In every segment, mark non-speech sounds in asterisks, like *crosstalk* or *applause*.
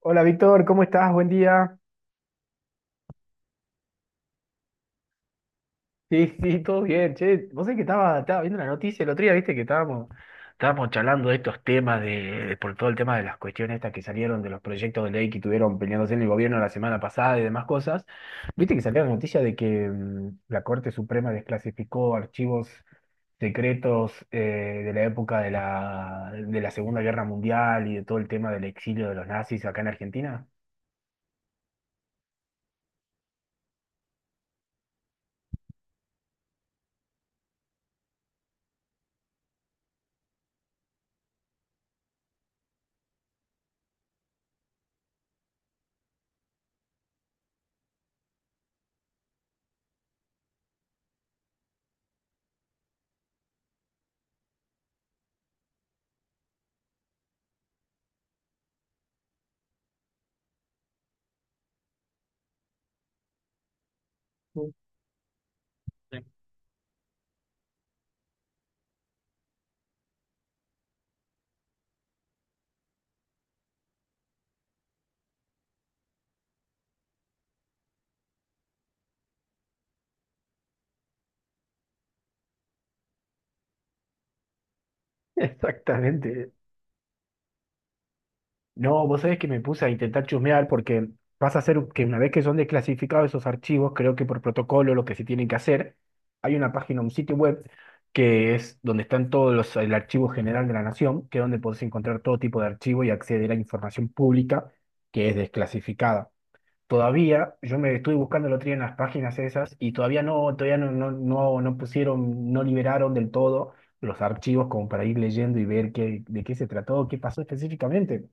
Hola Víctor, ¿cómo estás? Buen día. Sí, *laughs* sí, todo bien. Che, vos sabés que estaba viendo la noticia el otro día, viste que estábamos charlando de estos temas de, por todo el tema de las cuestiones estas que salieron de los proyectos de ley que tuvieron peleándose en el gobierno la semana pasada y demás cosas. Viste que salió la noticia de que la Corte Suprema desclasificó archivos secretos de la época de la Segunda Guerra Mundial y de todo el tema del exilio de los nazis acá en Argentina. *laughs* Exactamente. No, vos sabés que me puse a intentar chusmear porque vas a hacer que una vez que son desclasificados esos archivos, creo que por protocolo lo que se tienen que hacer, hay una página, un sitio web que es donde están todos los, el archivo general de la nación, que es donde podés encontrar todo tipo de archivo y acceder a información pública que es desclasificada. Todavía, yo me estuve buscando el otro día en las páginas esas y todavía no pusieron, no liberaron del todo los archivos como para ir leyendo y ver qué, de qué se trató, qué pasó específicamente.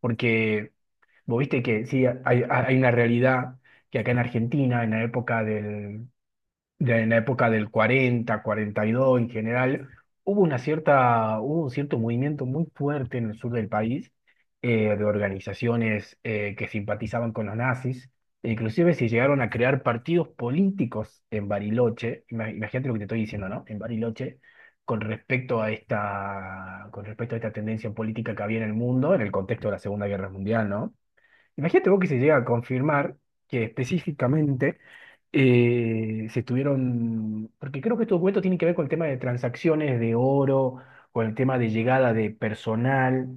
Porque vos viste que sí, hay una realidad que acá en Argentina, en la época del 40, 42 en general, hubo un cierto movimiento muy fuerte en el sur del país de organizaciones que simpatizaban con los nazis. E Inclusive se llegaron a crear partidos políticos en Bariloche, imagínate lo que te estoy diciendo, ¿no? En Bariloche, con respecto a esta tendencia política que había en el mundo, en el contexto de la Segunda Guerra Mundial, ¿no? Imagínate vos que se llega a confirmar que específicamente se estuvieron, porque creo que estos documentos tienen que ver con el tema de transacciones de oro, con el tema de llegada de personal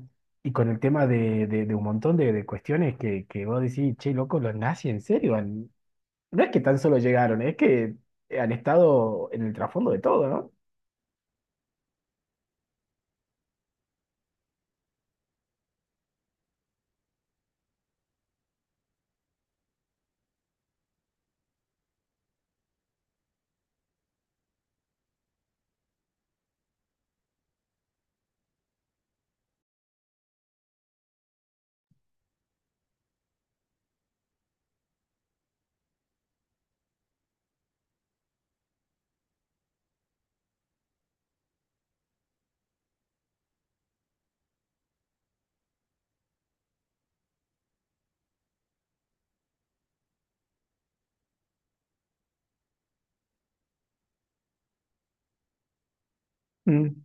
y con el tema de un montón de cuestiones que vos decís, che, loco, los nazis en serio. No es que tan solo llegaron, es que han estado en el trasfondo de todo, ¿no? Mm.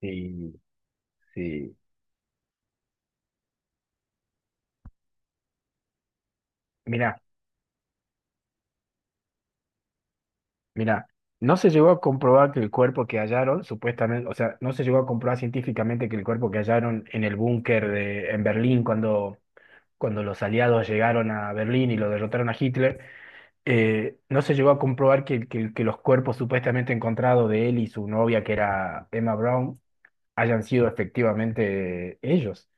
Sí, sí. Mira, no se llegó a comprobar que el cuerpo que hallaron, supuestamente, o sea, no se llegó a comprobar científicamente que el cuerpo que hallaron en el búnker en Berlín cuando los aliados llegaron a Berlín y lo derrotaron a Hitler, no se llegó a comprobar que los cuerpos supuestamente encontrados de él y su novia, que era Emma Brown, hayan sido efectivamente ellos.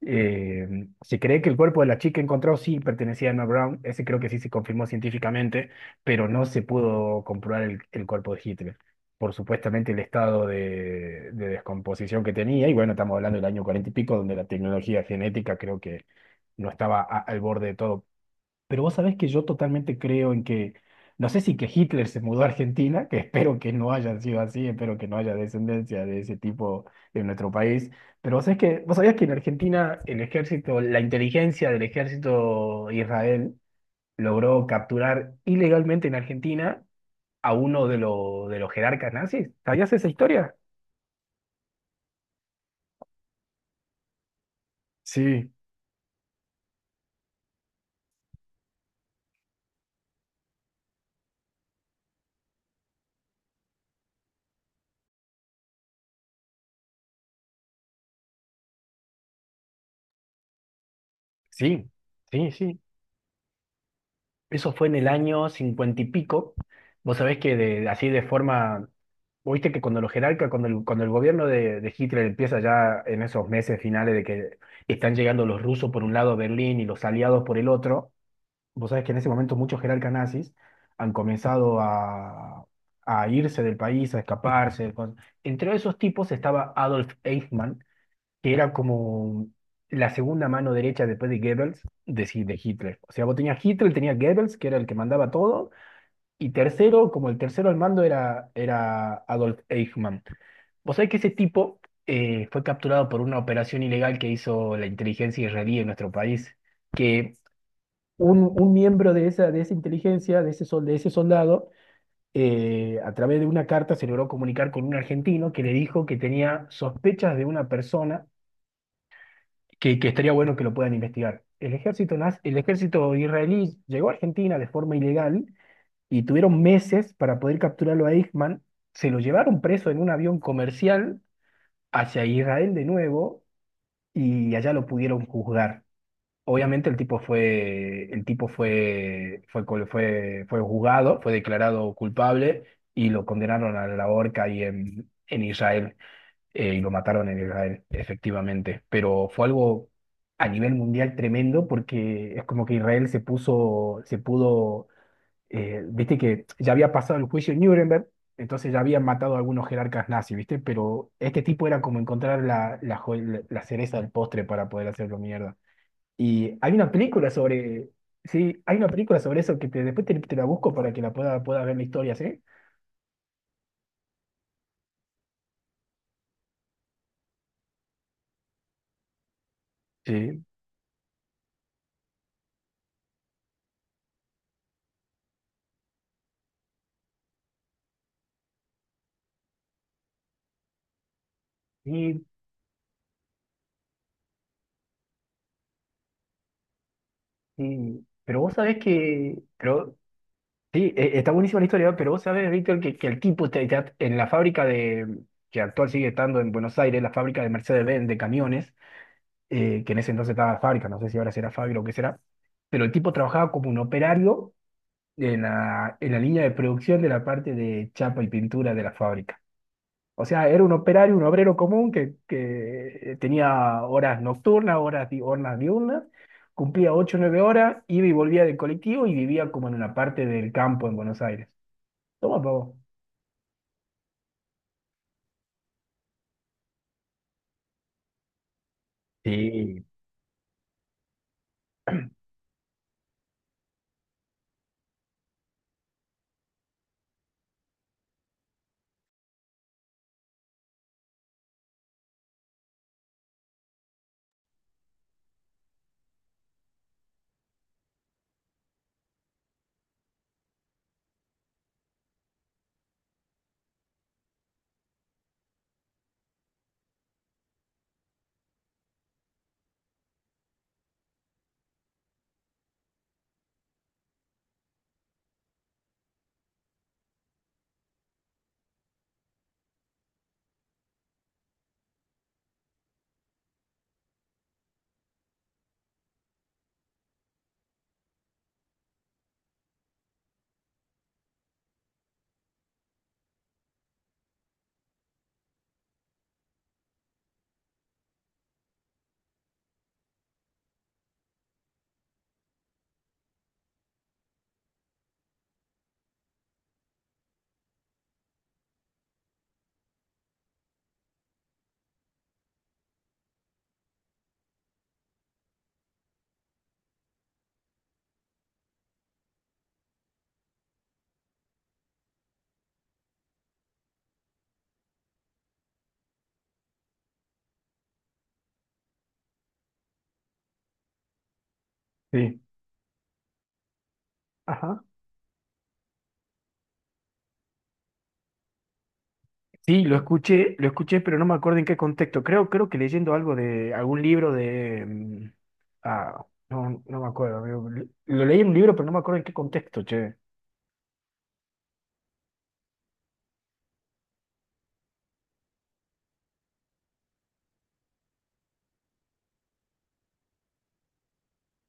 Eh, Se cree que el cuerpo de la chica encontrado sí pertenecía a Emma Brown, ese creo que sí se confirmó científicamente, pero no se pudo comprobar el cuerpo de Hitler por supuestamente el estado de descomposición que tenía, y bueno, estamos hablando del año cuarenta y pico, donde la tecnología genética creo que no estaba al borde de todo, pero vos sabés que yo totalmente creo en que, no sé si que Hitler se mudó a Argentina, que *laughs* espero que no haya sido así, espero que no haya descendencia de ese tipo en nuestro país, pero vos sabés que, vos sabías que en Argentina el ejército, la inteligencia del ejército Israel logró capturar ilegalmente en Argentina a uno de los jerarcas nazis. ¿Sabías esa historia? Sí, sí, sí, sí. Eso fue en el año cincuenta y pico. Vos sabés que así de forma, viste que cuando los jerarcas, cuando cuando el gobierno de Hitler empieza ya en esos meses finales de que están llegando los rusos por un lado a Berlín y los aliados por el otro, vos sabés que en ese momento muchos jerarcas nazis han comenzado a irse del país, a escaparse. Entre esos tipos estaba Adolf Eichmann, que era como la segunda mano derecha después de Goebbels, sí, de Hitler. O sea, vos tenías Hitler, tenías Goebbels, que era el que mandaba todo, y tercero, como el tercero al mando era Adolf Eichmann. Vos sabés que ese tipo fue capturado por una operación ilegal que hizo la inteligencia israelí en nuestro país, que un miembro de esa inteligencia, de ese soldado, a través de una carta se logró comunicar con un argentino que le dijo que tenía sospechas de una persona que estaría bueno que lo puedan investigar. El ejército, el ejército israelí llegó a Argentina de forma ilegal y tuvieron meses para poder capturarlo a Eichmann. Se lo llevaron preso en un avión comercial hacia Israel de nuevo y allá lo pudieron juzgar. Obviamente el tipo fue, fue, col- fue juzgado, fue declarado culpable y lo condenaron a la horca ahí en Israel y lo mataron en Israel, efectivamente. Pero fue algo a nivel mundial tremendo porque es como que se pudo, viste que ya había pasado el juicio en Nuremberg, entonces ya habían matado a algunos jerarcas nazis, viste, pero este tipo era como encontrar la cereza del postre para poder hacerlo mierda. Y hay una película sobre... Sí, hay una película sobre eso que después te la busco para que pueda ver la historia, ¿sí? Sí. Sí, sí. Pero vos sabés que, pero sí, está buenísima la historia, ¿no? Pero vos sabés, Víctor, que el tipo en la fábrica que actual sigue estando en Buenos Aires, la fábrica de Mercedes-Benz de camiones, que en ese entonces estaba fábrica, no sé si ahora será fábrica o qué será, pero el tipo trabajaba como un operario en la línea de producción de la parte de chapa y pintura de la fábrica. O sea, era un operario, un obrero común que tenía horas nocturnas, horas diurnas, cumplía 8 o 9 horas, iba y volvía del colectivo y vivía como en una parte del campo en Buenos Aires. Toma, pavo. Sí, sí. Ajá. Sí, lo escuché, pero no me acuerdo en qué contexto. Creo que leyendo algo de algún libro de... ah, no, no me acuerdo, amigo. Lo leí en un libro, pero no me acuerdo en qué contexto, che.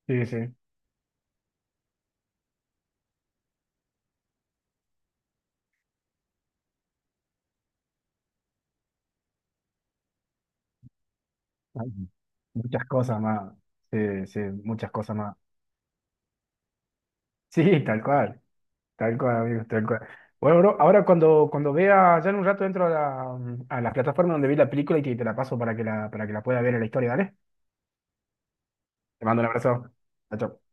Sí, sí. Ay, muchas cosas más. Sí, sí, muchas cosas más. Sí, tal cual, amigo, tal cual. Bueno, bro, ahora cuando vea, ya en un rato entro a la plataforma donde vi la película y te la paso para que la pueda ver en la historia, ¿vale? Te mando un abrazo. Chao, chao.